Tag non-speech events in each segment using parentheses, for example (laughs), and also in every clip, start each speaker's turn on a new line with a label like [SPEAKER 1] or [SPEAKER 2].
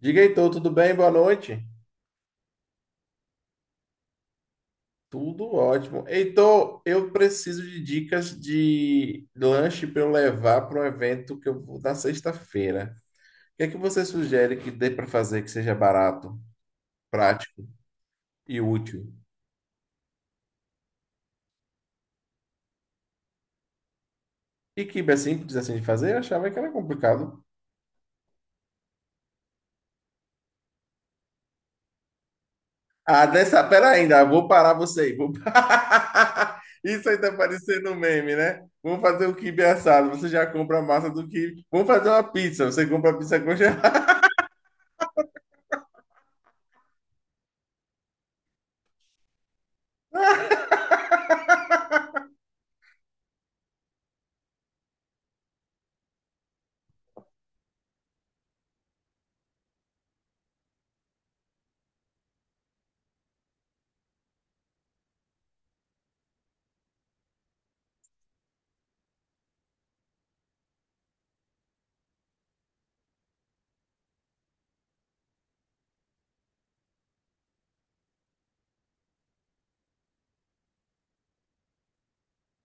[SPEAKER 1] Diga, Heitor, tudo bem? Boa noite. Tudo ótimo. Heitor, eu preciso de dicas de lanche para eu levar para um evento que eu vou na sexta-feira. O que é que você sugere que dê para fazer que seja barato, prático e útil? E que é simples assim de fazer? Eu achava que era complicado. Ah, dessa, pera ainda, vou parar você aí. Vou parar. (laughs) Isso aí tá parecendo um meme, né? Vamos fazer o quibe assado. Você já compra a massa do quibe. Vamos fazer uma pizza. Você compra a pizza congelada.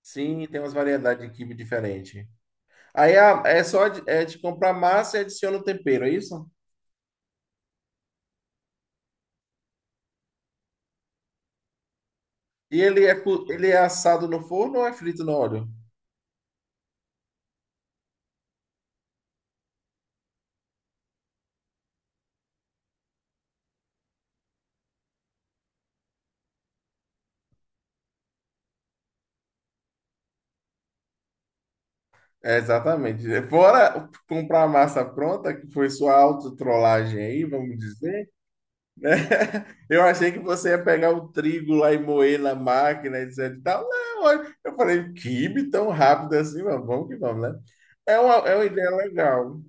[SPEAKER 1] Sim, tem umas variedades de quibe diferente. Aí é de comprar massa e adiciona o tempero, é isso? E ele é assado no forno ou é frito no óleo? É, exatamente. Fora comprar a massa pronta, que foi sua autotrollagem aí, vamos dizer, né? (laughs) Eu achei que você ia pegar o trigo lá e moer na máquina, etc e tal. Não, olha, eu falei, quibe tão rápido assim, mas vamos que vamos, né? É uma ideia legal.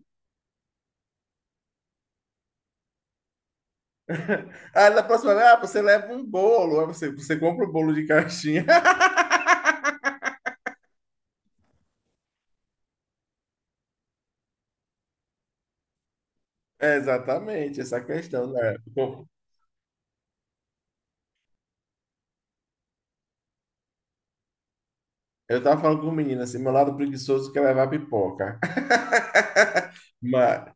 [SPEAKER 1] Aí na próxima, você leva um bolo, aí você compra o bolo de caixinha. (laughs) É exatamente, essa questão, né? Eu tava falando com o menino assim, meu lado preguiçoso quer levar pipoca. (laughs) Mas,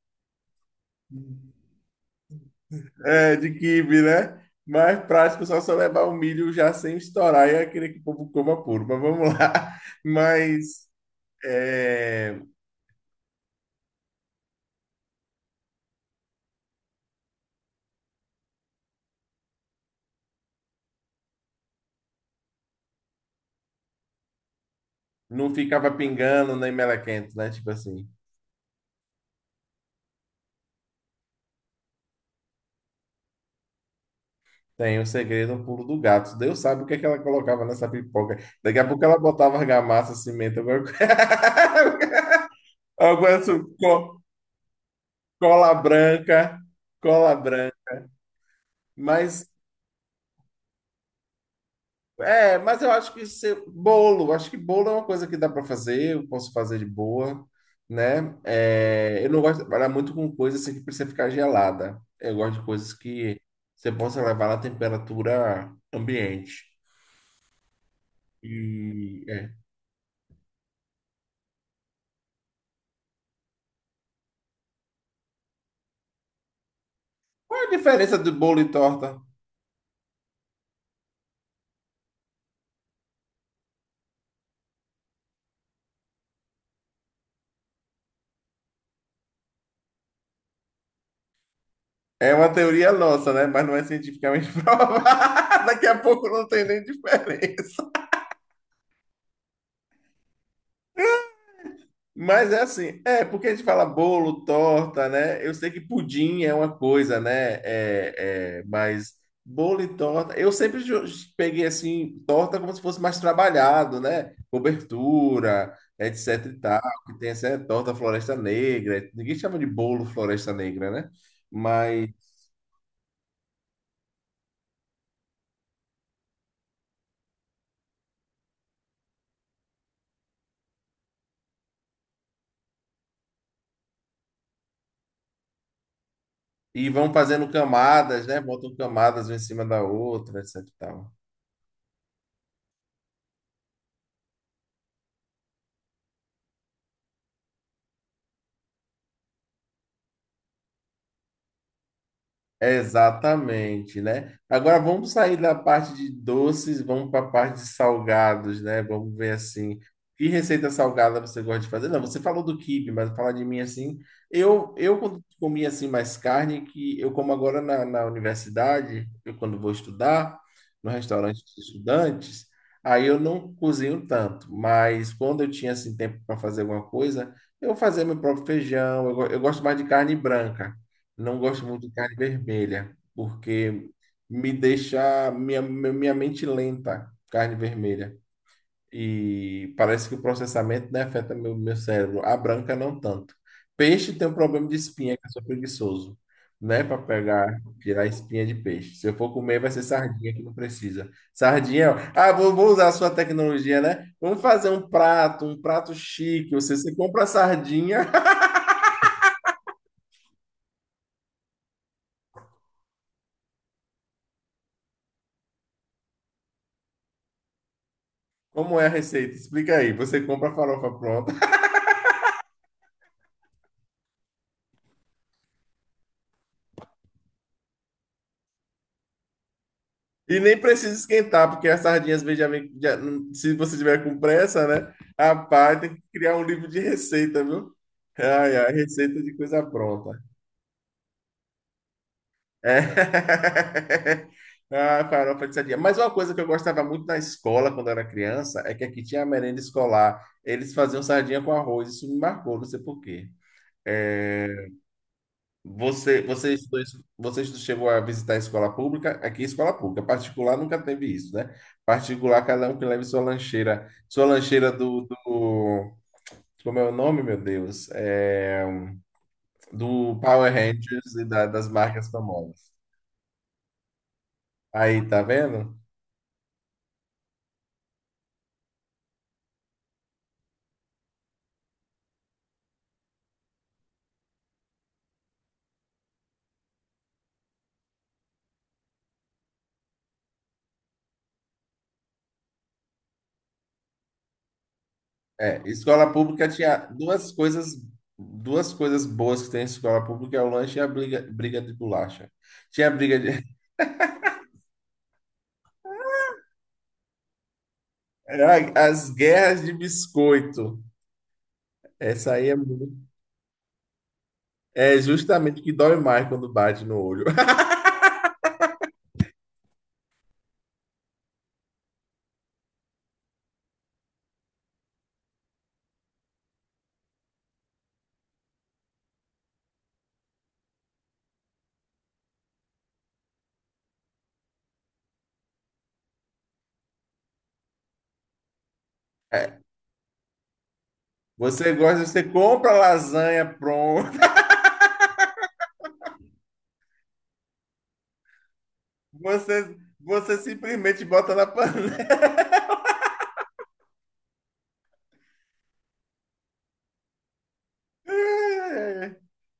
[SPEAKER 1] de quibe, né? Mais prático só levar o milho já sem estourar e é aquele que o povo coma puro, mas vamos lá. (laughs) Mas é, não ficava pingando nem melequento, né? Tipo assim, tem o segredo, o pulo do gato. Deus sabe o que é que ela colocava nessa pipoca. Daqui a pouco ela botava argamassa, cimento, alguma. Eu conheço cola branca, cola branca. Mas mas eu acho que se- bolo, acho que bolo é uma coisa que dá para fazer, eu posso fazer de boa, né? É, eu não gosto de trabalhar muito com coisas assim que precisa ficar gelada. Eu gosto de coisas que você possa levar na temperatura ambiente. E é. Qual é a diferença do bolo e torta? É uma teoria nossa, né? Mas não é cientificamente (laughs) provada. Daqui a pouco não tem nem diferença. Mas é assim, porque a gente fala bolo, torta, né? Eu sei que pudim é uma coisa, né? Mas bolo e torta, eu sempre peguei assim, torta como se fosse mais trabalhado, né? Cobertura, etc e tal, que tem essa torta Floresta Negra, ninguém chama de bolo Floresta Negra, né? Mas, e vão fazendo camadas, né? Botam camadas uma em cima da outra, etc e tal. Exatamente, né? Agora vamos sair da parte de doces, vamos para a parte de salgados, né? Vamos ver assim, que receita salgada você gosta de fazer? Não, você falou do quibe, mas falar de mim assim, eu quando comia assim mais carne, que eu como agora na, na universidade, eu quando vou estudar, no restaurante dos estudantes, aí eu não cozinho tanto, mas quando eu tinha assim tempo para fazer alguma coisa, eu fazia meu próprio feijão, eu gosto mais de carne branca. Não gosto muito de carne vermelha, porque me deixa minha, minha mente lenta, carne vermelha. E parece que o processamento, né, afeta meu, meu cérebro. A branca não tanto. Peixe tem um problema de espinha, que eu sou preguiçoso, né, para pegar, tirar a espinha de peixe. Se eu for comer, vai ser sardinha que não precisa. Sardinha, ó. Vou usar a sua tecnologia, né? Vamos fazer um prato, chique. Você compra a sardinha. (laughs) Como é a receita? Explica aí. Você compra a farofa pronta. E nem precisa esquentar, porque as sardinhas Benjamin, se você tiver com pressa, né? Rapaz, tem que criar um livro de receita, viu? Ai, ai, receita de coisa pronta. É. (laughs) Ah, farofa de sardinha. Mas uma coisa que eu gostava muito na escola, quando eu era criança, é que aqui tinha a merenda escolar. Eles faziam sardinha com arroz. Isso me marcou, não sei por quê. É. Você chegou a visitar a escola pública? Aqui, é escola pública. Particular nunca teve isso, né? Particular, cada um que leve sua lancheira. Sua lancheira Como é o nome, meu Deus? É, do Power Rangers e das marcas famosas. Aí, tá vendo? É, escola pública tinha duas coisas, boas que tem em escola pública, é o lanche e a briga de bolacha. Tinha briga de... (laughs) Ai, as guerras de biscoito. Essa aí é muito. É justamente o que dói mais quando bate no olho. (laughs) É. Você gosta, você compra lasanha pronta, (laughs) você simplesmente bota na panela. É,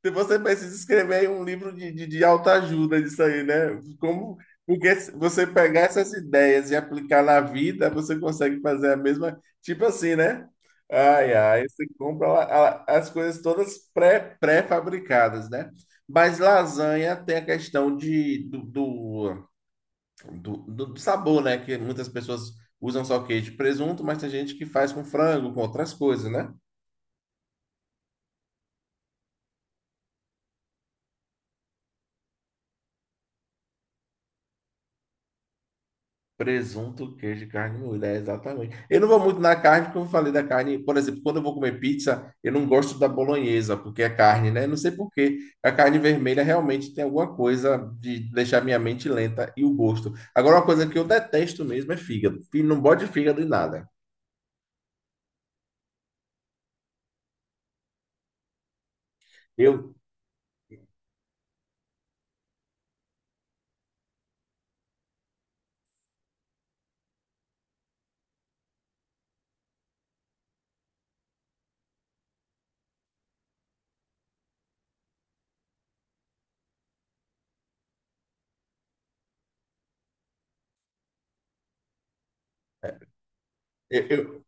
[SPEAKER 1] se você precisa escrever um livro de autoajuda disso aí, né? Como, porque se você pegar essas ideias e aplicar na vida, você consegue fazer a mesma, tipo assim, né? Ai, ai, você compra as coisas todas pré-fabricadas, né? Mas lasanha tem a questão de, do, do, do, do sabor, né? Que muitas pessoas usam só queijo e presunto, mas tem gente que faz com frango, com outras coisas, né? Presunto, queijo, e carne moída, é exatamente. Eu não vou muito na carne, porque eu falei da carne. Por exemplo, quando eu vou comer pizza, eu não gosto da bolonhesa, porque é carne, né? Não sei por quê. A carne vermelha realmente tem alguma coisa de deixar minha mente lenta e o gosto. Agora, uma coisa que eu detesto mesmo é fígado. Não bode fígado em nada. Eu, eu,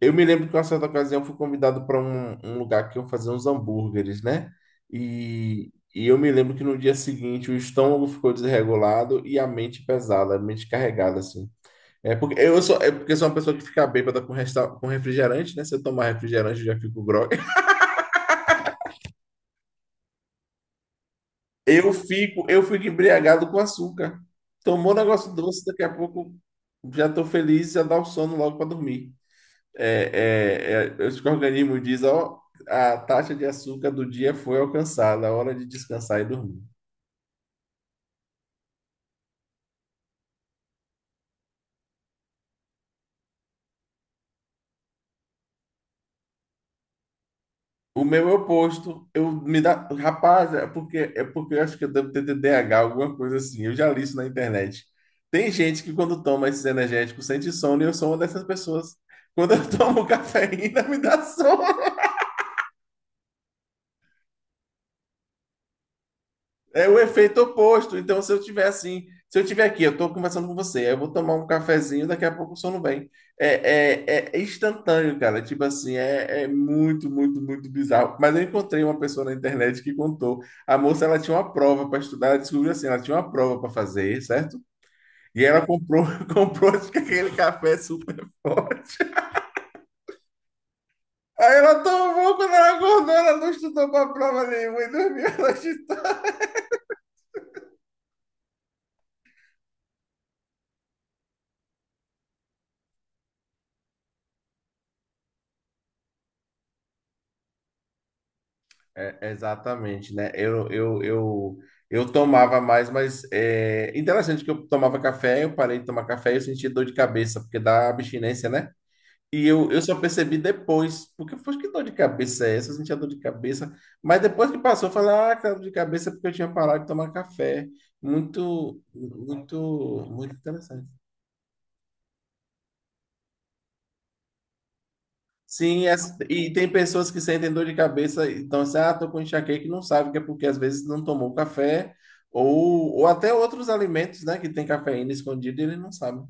[SPEAKER 1] Eu me lembro que uma certa ocasião fui convidado para um, um lugar que eu fazia uns hambúrgueres, né? E eu me lembro que no dia seguinte o estômago ficou desregulado e a mente pesada, a mente carregada, assim. É porque eu sou uma pessoa que fica bêbada com refrigerante, né? Se eu tomar refrigerante, eu já fico grogue. (laughs) Eu fico embriagado com açúcar. Tomou um negócio doce, daqui a pouco já tô feliz, já dá o sono logo para dormir. O organismo diz, ó, a taxa de açúcar do dia foi alcançada, a hora de descansar e dormir. O meu é o oposto, eu me dá, rapaz, é porque eu acho que eu devo ter TDAH, alguma coisa assim. Eu já li isso na internet. Tem gente que quando toma esses energéticos sente sono e eu sou uma dessas pessoas. Quando eu tomo (laughs) cafeína, me dá sono. É o efeito oposto. Então, se eu tiver assim, se eu tiver aqui, eu estou conversando com você, aí eu vou tomar um cafezinho, daqui a pouco o sono vem. É instantâneo, cara. Tipo assim, muito, muito, muito bizarro. Mas eu encontrei uma pessoa na internet que contou. A moça, ela tinha uma prova para estudar, ela descobriu assim, ela tinha uma prova para fazer, certo? E ela comprou, (laughs) comprou aquele café super forte. Aí ela tomou, quando ela acordou, ela não estudou para a prova nenhuma e dormiu a noite. É, exatamente, né? Eu tomava mais, mas é interessante que eu tomava café, eu parei de tomar café e eu senti dor de cabeça, porque dá abstinência, né? E eu só percebi depois, porque eu falei, que dor de cabeça é essa? Eu sentia dor de cabeça. Mas depois que passou, eu falei, ah, que dor de cabeça é porque eu tinha parado de tomar café. Muito, muito, muito interessante. Sim, e tem pessoas que sentem dor de cabeça, então assim, ah, tô com enxaqueca e não sabe que é porque às vezes não tomou café ou até outros alimentos, né, que tem cafeína escondida e ele não sabe.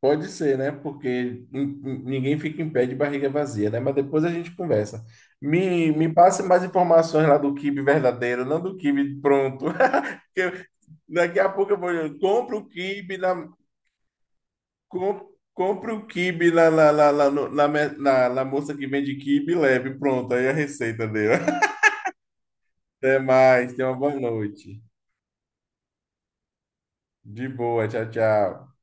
[SPEAKER 1] Pode ser, né, porque ninguém fica em pé de barriga vazia, né, mas depois a gente conversa. Me passe mais informações lá do quibe verdadeiro, não do quibe pronto. (laughs) Porque daqui a pouco eu compro o quibe na. Compre o quibe lá na moça que vende quibe e leve. Pronto, aí a receita dele. (laughs) Até mais, tenha uma boa noite. De boa, tchau, tchau.